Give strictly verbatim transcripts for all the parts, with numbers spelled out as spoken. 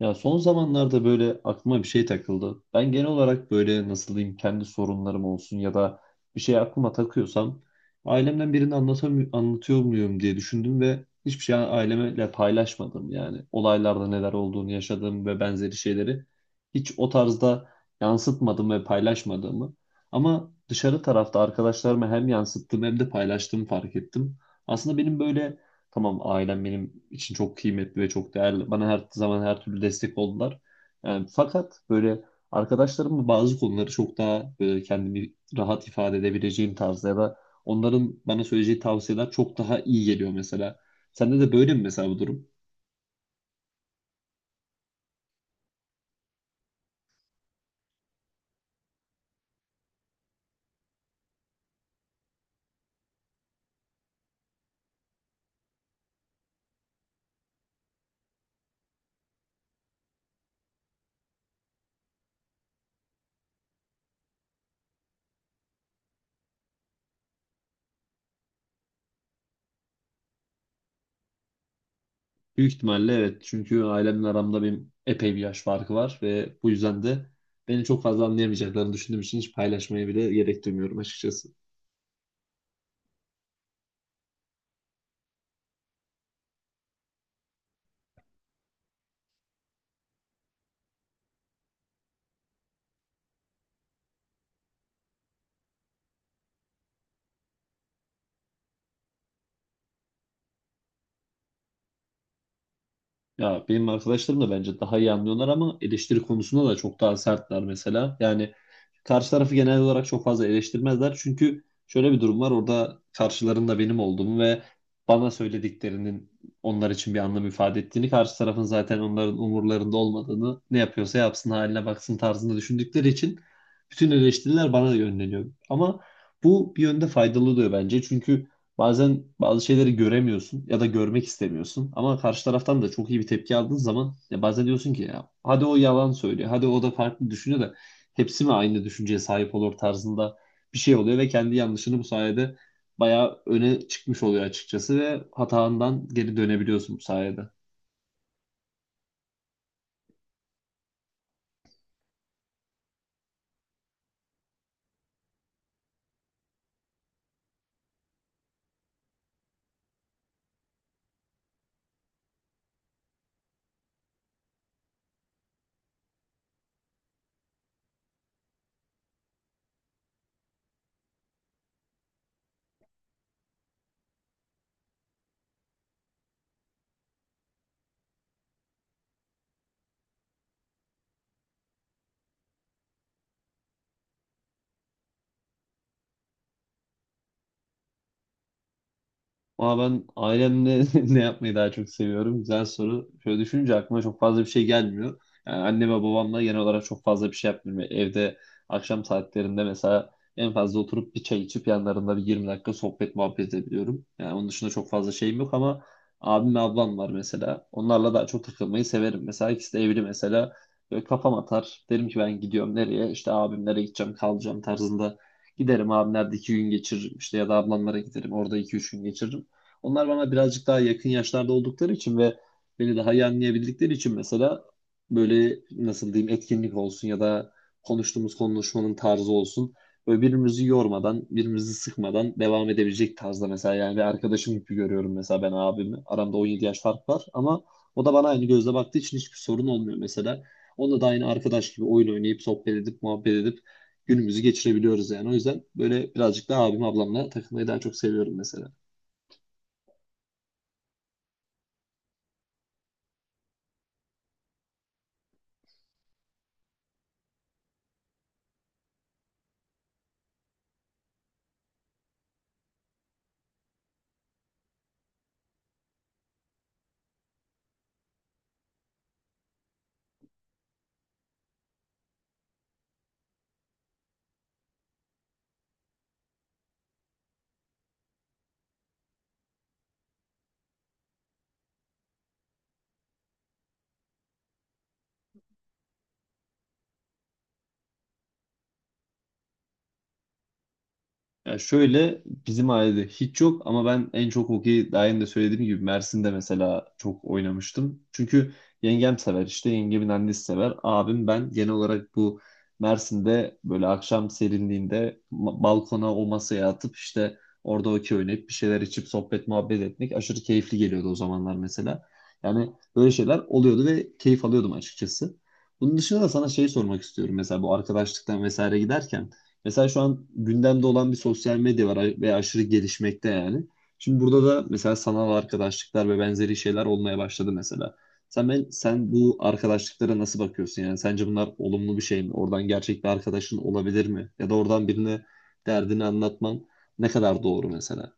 Ya son zamanlarda böyle aklıma bir şey takıldı. Ben genel olarak böyle nasıl diyeyim kendi sorunlarım olsun ya da bir şey aklıma takıyorsam ailemden birini anlatam anlatıyor muyum diye düşündüm ve hiçbir şey ailemle paylaşmadım yani. Olaylarda neler olduğunu yaşadığım ve benzeri şeyleri hiç o tarzda yansıtmadım ve paylaşmadığımı. Ama dışarı tarafta arkadaşlarıma hem yansıttım hem de paylaştığımı fark ettim. Aslında benim böyle tamam, ailem benim için çok kıymetli ve çok değerli. Bana her zaman her türlü destek oldular. Yani fakat böyle arkadaşlarımla bazı konuları çok daha böyle kendimi rahat ifade edebileceğim tarzda ya da onların bana söyleyeceği tavsiyeler çok daha iyi geliyor mesela. Sende de böyle mi mesela bu durum? Büyük ihtimalle evet. Çünkü ailemle aramda benim epey bir yaş farkı var ve bu yüzden de beni çok fazla anlayamayacaklarını düşündüğüm için hiç paylaşmaya bile gerek duymuyorum açıkçası. Ya benim arkadaşlarım da bence daha iyi anlıyorlar ama eleştiri konusunda da çok daha sertler mesela. Yani karşı tarafı genel olarak çok fazla eleştirmezler. Çünkü şöyle bir durum var orada, karşılarında benim olduğumu ve bana söylediklerinin onlar için bir anlam ifade ettiğini, karşı tarafın zaten onların umurlarında olmadığını, ne yapıyorsa yapsın haline baksın tarzında düşündükleri için bütün eleştiriler bana yönleniyor. Ama bu bir yönde faydalı oluyor bence. Çünkü bazen bazı şeyleri göremiyorsun ya da görmek istemiyorsun. Ama karşı taraftan da çok iyi bir tepki aldığın zaman ya bazen diyorsun ki ya hadi o yalan söylüyor, hadi o da farklı düşünüyor da hepsi mi aynı düşünceye sahip olur tarzında bir şey oluyor ve kendi yanlışını bu sayede bayağı öne çıkmış oluyor açıkçası ve hatandan geri dönebiliyorsun bu sayede. Ama ben ailemle ne yapmayı daha çok seviyorum? Güzel soru. Şöyle düşününce aklıma çok fazla bir şey gelmiyor. Yani anne ve babamla genel olarak çok fazla bir şey yapmıyorum. Yani evde akşam saatlerinde mesela en fazla oturup bir çay içip yanlarında bir yirmi dakika sohbet muhabbet edebiliyorum. Yani onun dışında çok fazla şeyim yok ama abim ve ablam var mesela. Onlarla daha çok takılmayı severim. Mesela ikisi de evli mesela. Böyle kafam atar. Derim ki ben gidiyorum nereye? İşte abimlere gideceğim, kalacağım tarzında. Giderim abimlerde iki gün geçiririm, işte ya da ablamlara giderim orada iki üç gün geçiririm. Onlar bana birazcık daha yakın yaşlarda oldukları için ve beni daha iyi anlayabildikleri için mesela böyle nasıl diyeyim etkinlik olsun ya da konuştuğumuz konuşmanın tarzı olsun. Böyle birbirimizi yormadan, birbirimizi sıkmadan devam edebilecek tarzda mesela, yani bir arkadaşım gibi görüyorum mesela ben abimi. Aramda on yedi yaş fark var ama o da bana aynı gözle baktığı için hiçbir sorun olmuyor mesela. Onunla da aynı arkadaş gibi oyun oynayıp sohbet edip muhabbet edip günümüzü geçirebiliyoruz yani. O yüzden böyle birazcık daha abim ablamla takılmayı daha çok seviyorum mesela. Ya şöyle bizim ailede hiç yok ama ben en çok hokeyi daha önce de söylediğim gibi Mersin'de mesela çok oynamıştım. Çünkü yengem sever, işte yengemin annesi sever. Abim ben genel olarak bu Mersin'de böyle akşam serinliğinde ma- balkona o masaya atıp işte orada hokey oynayıp bir şeyler içip sohbet muhabbet etmek aşırı keyifli geliyordu o zamanlar mesela. Yani böyle şeyler oluyordu ve keyif alıyordum açıkçası. Bunun dışında da sana şey sormak istiyorum mesela bu arkadaşlıktan vesaire giderken. Mesela şu an gündemde olan bir sosyal medya var a- ve aşırı gelişmekte yani. Şimdi burada da mesela sanal arkadaşlıklar ve benzeri şeyler olmaya başladı mesela. Sen, ben, sen bu arkadaşlıklara nasıl bakıyorsun yani? Sence bunlar olumlu bir şey mi? Oradan gerçek bir arkadaşın olabilir mi? Ya da oradan birine derdini anlatman ne kadar doğru mesela?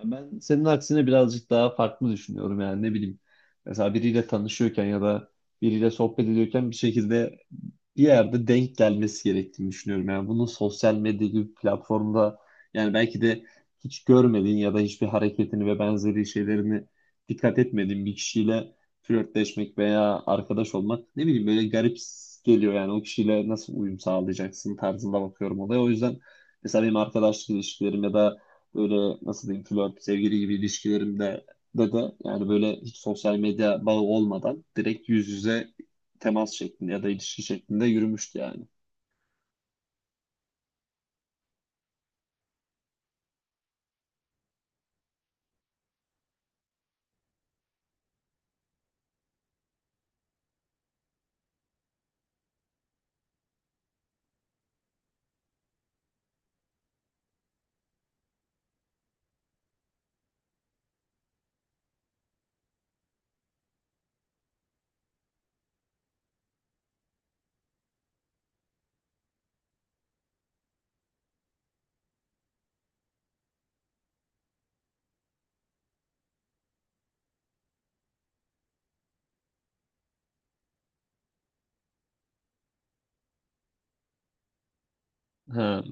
Ya ben senin aksine birazcık daha farklı düşünüyorum yani, ne bileyim. Mesela biriyle tanışıyorken ya da biriyle sohbet ediyorken bir şekilde bir yerde denk gelmesi gerektiğini düşünüyorum. Yani bunun sosyal medya gibi bir platformda, yani belki de hiç görmediğin ya da hiçbir hareketini ve benzeri şeylerini dikkat etmediğin bir kişiyle flörtleşmek veya arkadaş olmak ne bileyim böyle garip geliyor yani, o kişiyle nasıl uyum sağlayacaksın tarzında bakıyorum olaya. O yüzden mesela benim arkadaşlık ilişkilerim ya da böyle nasıl diyeyim flört, sevgili gibi ilişkilerimde de de yani böyle hiç sosyal medya bağı olmadan direkt yüz yüze temas şeklinde ya da ilişki şeklinde yürümüştü yani. Ha,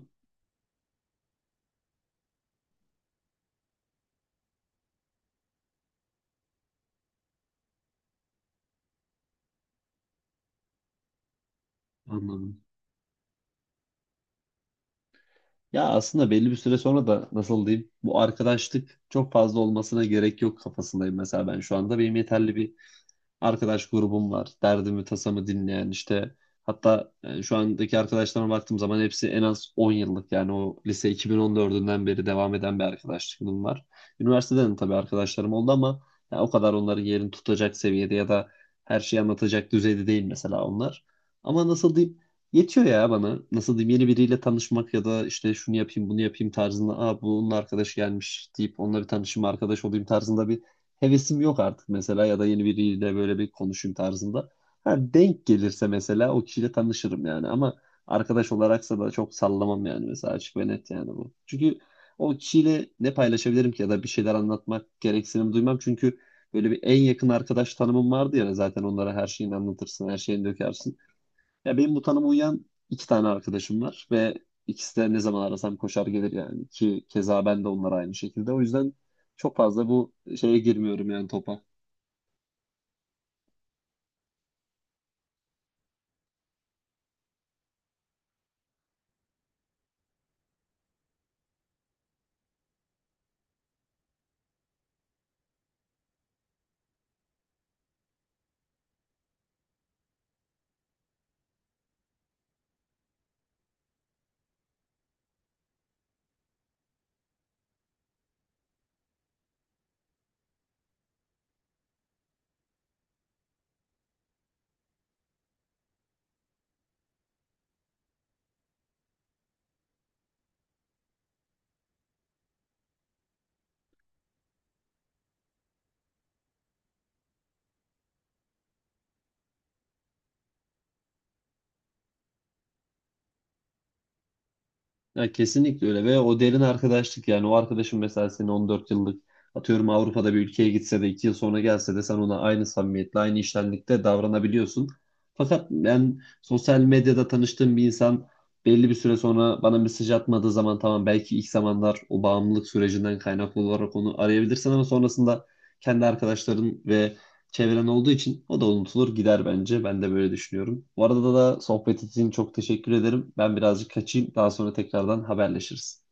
anladım. Ya aslında belli bir süre sonra da nasıl diyeyim bu arkadaşlık çok fazla olmasına gerek yok kafasındayım mesela, ben şu anda benim yeterli bir arkadaş grubum var. Derdimi, tasamı dinleyen, işte hatta e, şu andaki arkadaşlarıma baktığım zaman hepsi en az on yıllık, yani o lise iki bin on dördünden beri devam eden bir arkadaşlığım var. Üniversiteden de tabii arkadaşlarım oldu ama ya o kadar onların yerini tutacak seviyede ya da her şeyi anlatacak düzeyde değil mesela onlar. Ama nasıl diyeyim yetiyor ya bana. Nasıl diyeyim yeni biriyle tanışmak ya da işte şunu yapayım bunu yapayım tarzında. Aa bunun arkadaşı gelmiş deyip onunla bir tanışayım arkadaş olayım tarzında bir hevesim yok artık mesela, ya da yeni biriyle böyle bir konuşayım tarzında. Ha, denk gelirse mesela o kişiyle tanışırım yani ama arkadaş olaraksa da çok sallamam yani mesela, açık ve net yani bu. Çünkü o kişiyle ne paylaşabilirim ki ya da bir şeyler anlatmak gereksinim duymam çünkü böyle bir en yakın arkadaş tanımım vardı ya, zaten onlara her şeyini anlatırsın, her şeyini dökersin. Ya benim bu tanıma uyan iki tane arkadaşım var ve ikisi de ne zaman arasam koşar gelir yani, ki keza ben de onlar aynı şekilde. O yüzden çok fazla bu şeye girmiyorum yani, topa. Ya kesinlikle öyle ve o derin arkadaşlık, yani o arkadaşın mesela senin on dört yıllık atıyorum Avrupa'da bir ülkeye gitse de iki yıl sonra gelse de sen ona aynı samimiyetle aynı iştenlikte davranabiliyorsun. Fakat ben sosyal medyada tanıştığım bir insan belli bir süre sonra bana mesaj atmadığı zaman tamam, belki ilk zamanlar o bağımlılık sürecinden kaynaklı olarak onu arayabilirsin ama sonrasında kendi arkadaşların ve çevren olduğu için o da unutulur gider bence. Ben de böyle düşünüyorum. Bu arada da sohbet için çok teşekkür ederim. Ben birazcık kaçayım. Daha sonra tekrardan haberleşiriz.